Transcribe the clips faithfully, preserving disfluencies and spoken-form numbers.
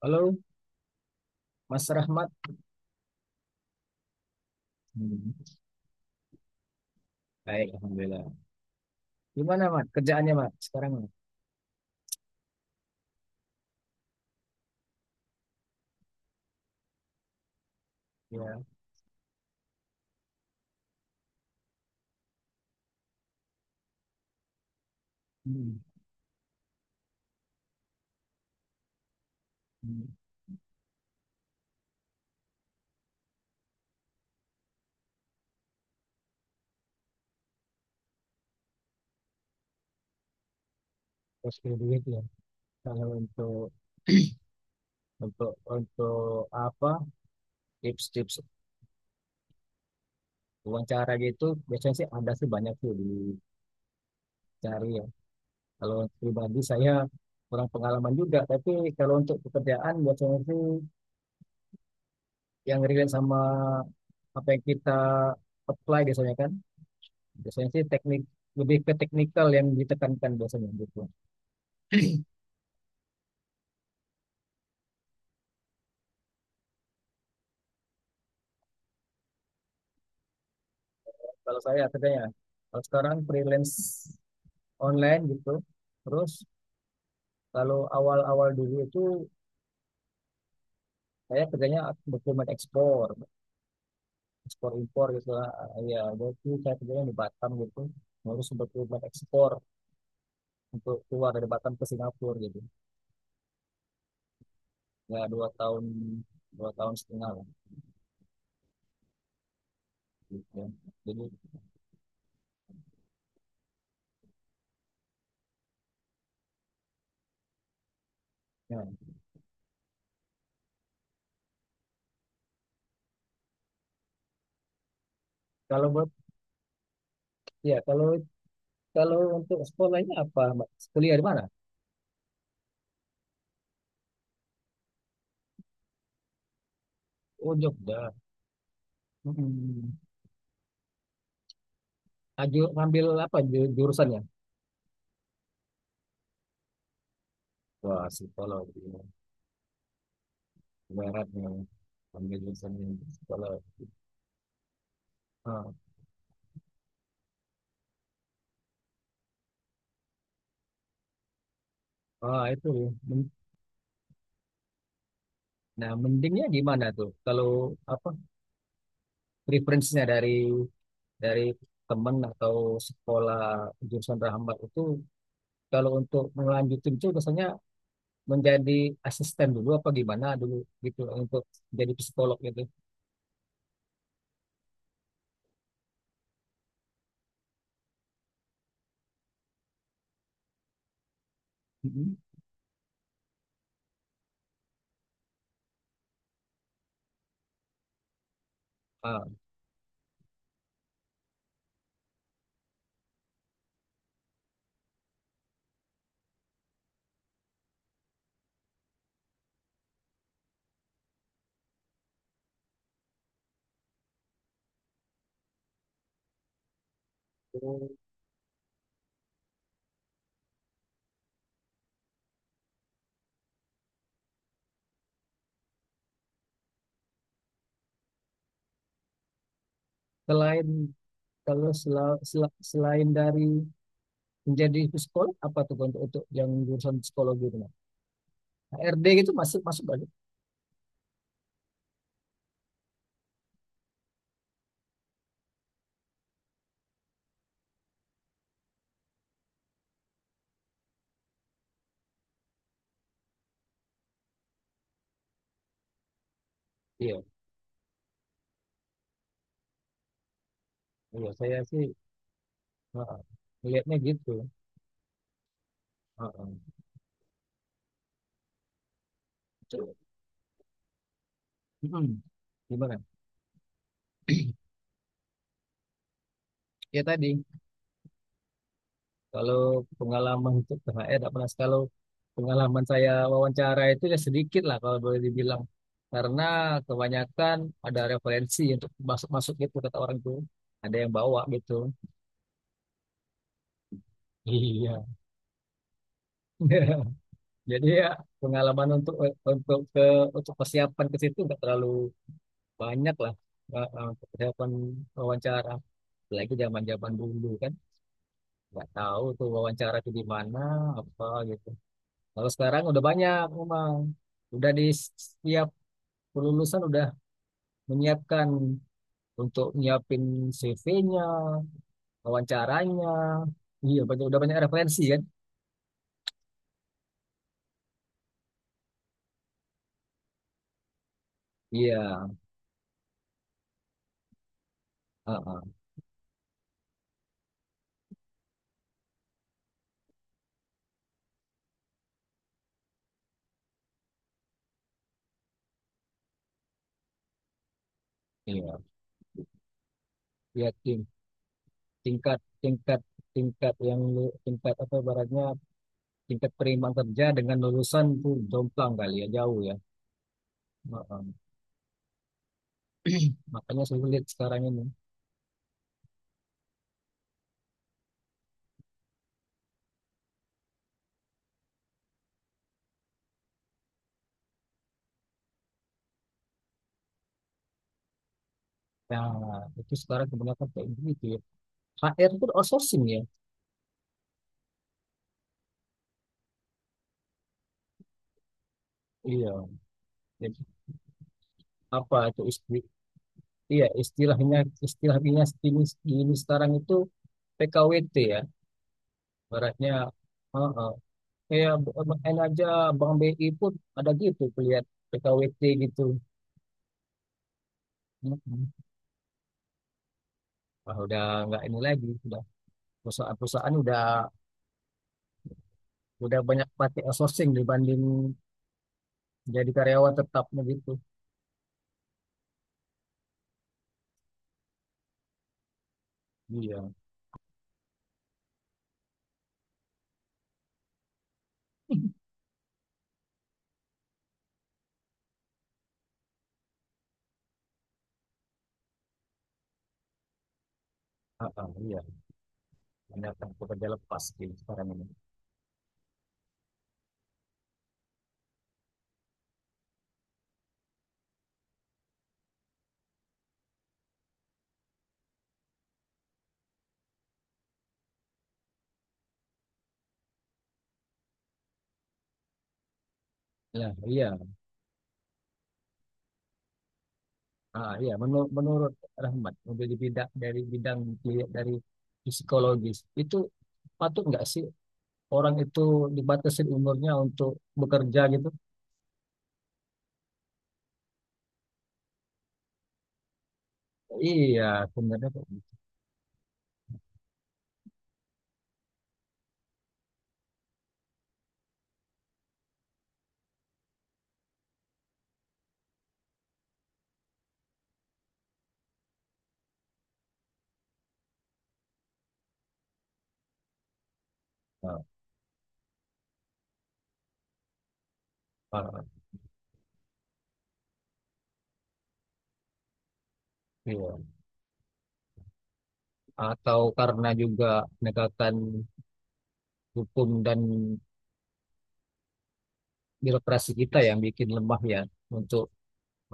Halo, Mas Rahmat. Hmm. Baik, Alhamdulillah. Gimana, Mat? Kerjaannya, Mat, sekarang? Mat? Ya. Hmm. Hmm. Terus punya duit ya. Kalau untuk untuk untuk apa tips-tips wawancara gitu biasanya sih ada sih banyak tuh dicari ya. Kalau untuk pribadi saya kurang pengalaman juga, tapi kalau untuk pekerjaan biasanya sih yang relate sama apa yang kita apply biasanya kan. Biasanya sih teknik lebih ke teknikal yang ditekankan biasanya gitu. Kalau saya kerjanya, kalau sekarang freelance online gitu. Terus kalau awal-awal dulu itu saya kerjanya dokumen ekspor, ekspor impor gitu lah. Ah, Ya, jadi saya kerjanya di Batam gitu, ngurus dokumen ekspor untuk keluar dari Batam ke Singapura gitu. Ya dua tahun dua tahun setengah lah. Gitu, ya. Jadi, ya. Kalau buat ya kalau kalau untuk sekolahnya apa Mbak? Kuliah di mana? Oh, Jogja. Hmm. Aju, ngambil apa ju- jurusannya? Wah, psikologi. Berat nih. Ambil jurusan yang psikolog. Ah, ah, itu. Men- Nah, mendingnya gimana tuh? Kalau apa preferensinya dari dari teman atau sekolah jurusan Rahmat itu kalau untuk melanjutin itu biasanya menjadi asisten dulu apa gimana dulu gitu untuk jadi psikolog gitu. Mhm. Ah, Terus selain kalau sela- sela- selain dari menjadi psikolog apa tuh untuk untuk yang jurusan psikologi itu? H R D gitu masuk masuk banyak. Iya, iya saya sih, heeh, melihatnya gitu. Heeh. Itu- mm, Gimana? Ya tadi kalau pengalaman untuk T H R tidak pernah. Kalau pengalaman saya wawancara itu ya sedikit lah kalau boleh dibilang. Karena kebanyakan ada referensi untuk masuk-masuk gitu kata orang tuh. Ada yang bawa gitu. Iya. Jadi ya pengalaman untuk untuk ke untuk persiapan ke situ nggak terlalu banyak lah. Wa- eh, persiapan wawancara apalagi zaman zaman dulu kan nggak tahu tuh wawancara itu di mana apa gitu. Kalau sekarang udah banyak memang, udah di setiap kelulusan udah menyiapkan untuk nyiapin C V-nya, wawancaranya, iya banyak udah banyak referensi kan. Iya, ah, ah, iya, iya, ting- tingkat tingkat tingkat yang lu- tingkat apa ibaratnya tingkat penerimaan kerja dengan lulusan tuh jomplang kali ya jauh ya. Heeh. Makanya sulit sekarang ini, nah itu sekarang kebanyakan kayak begitu ya. H R itu outsourcing ya. Iya. Jadi apa itu isti iya istilahnya istilahnya ini, ini sekarang itu P K W T ya. Baratnya, heeh. Kayak B U M N aja, Bank B I pun ada gitu lihat P K W T gitu. Heeh. Wah, udah nggak ini lagi, udah perusahaan-perusahaan udah udah banyak pakai outsourcing dibanding jadi karyawan tetapnya gitu. Iya, heeh, iya. Menyiapkan pekerja lepas di sekarang ini. Ya, iya. Ah, iya. Menurut, menurut Rahmat, menjadi bidang dari bidang di- dari psikologis itu patut nggak sih orang itu dibatasi umurnya untuk bekerja gitu? Iya, sebenarnya kok bisa. Ah, iya. Atau karena juga penegakan hukum dan birokrasi kita yang bikin lemah ya untuk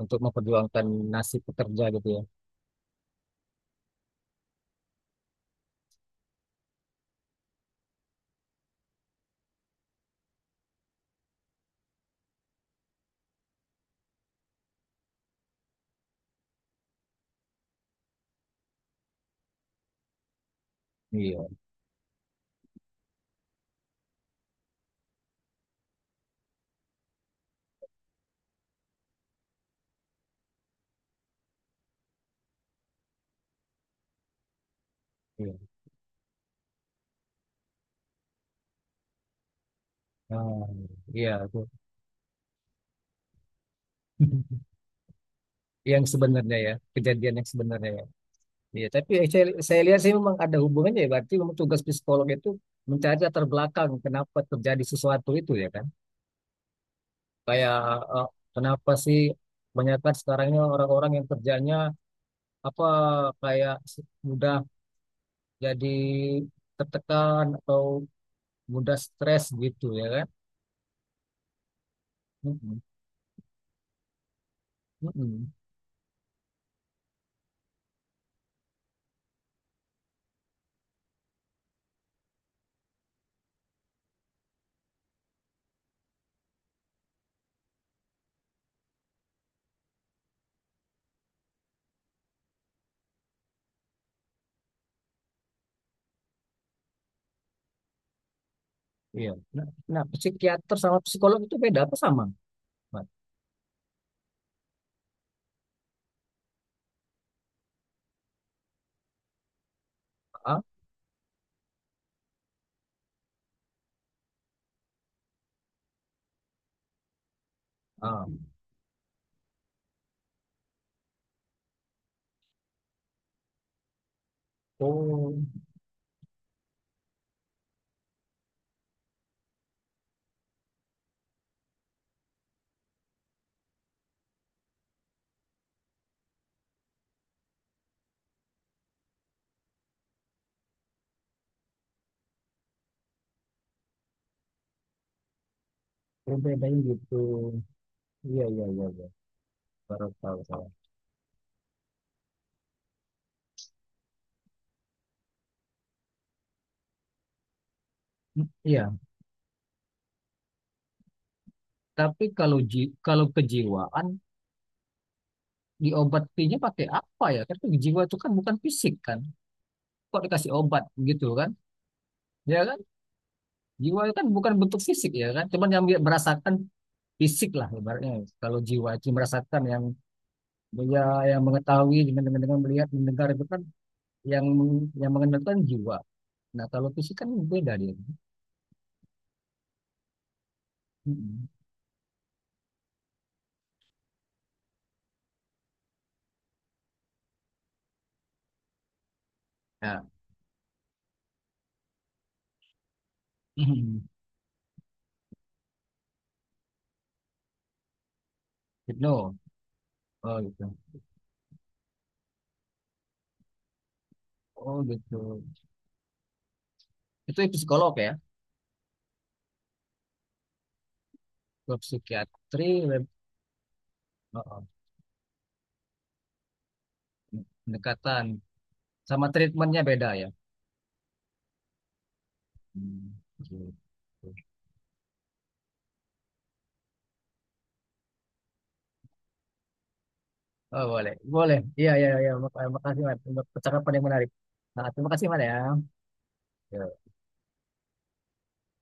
untuk memperjuangkan nasib pekerja gitu ya. Iya, iya. Ah, iya, itu. Yang sebenarnya, ya kejadian yang sebenarnya, ya. Iya, tapi eh, saya, saya lihat sih memang ada hubungannya, ya berarti memang tugas psikolog itu mencari latar belakang kenapa terjadi sesuatu itu, ya kan. Kayak eh, kenapa sih kebanyakan sekarang ini orang-orang yang kerjanya apa kayak mudah jadi tertekan atau mudah stres gitu ya kan. Mm-mm, mm-mm. Iya, nah, nah, psikiater sama psikolog itu beda apa sama, Mat? Ah, ah. Oh, perbedaannya gitu. Iya, iya, iya, iya. Baru tahu saya. Iya, tapi kalau ji kalau kejiwaan diobatinya pakai apa ya? Kan jiwa itu kan bukan fisik kan. Kok dikasih obat gitu kan? Ya kan? Jiwa itu kan bukan bentuk fisik ya kan? Cuman yang dia merasakan fisik lah ibaratnya. Kalau jiwa itu merasakan yang ya, yang mengetahui dengan, dengan dengan melihat mendengar itu kan yang yang mengenalkan jiwa. Nah, kalau fisik kan beda dia. Mm-mm. Nah, Hypno. Oh gitu. Oh gitu. Itu itu psikolog ya, ke psikiatri, web, oh, oh. Pendekatan sama treatmentnya beda ya. Hmm, gitu. Oh boleh, boleh. Iya, iya, iya. Mak- Makasih Mat untuk percakapan yang menarik. Nah, terima kasih Mat ya.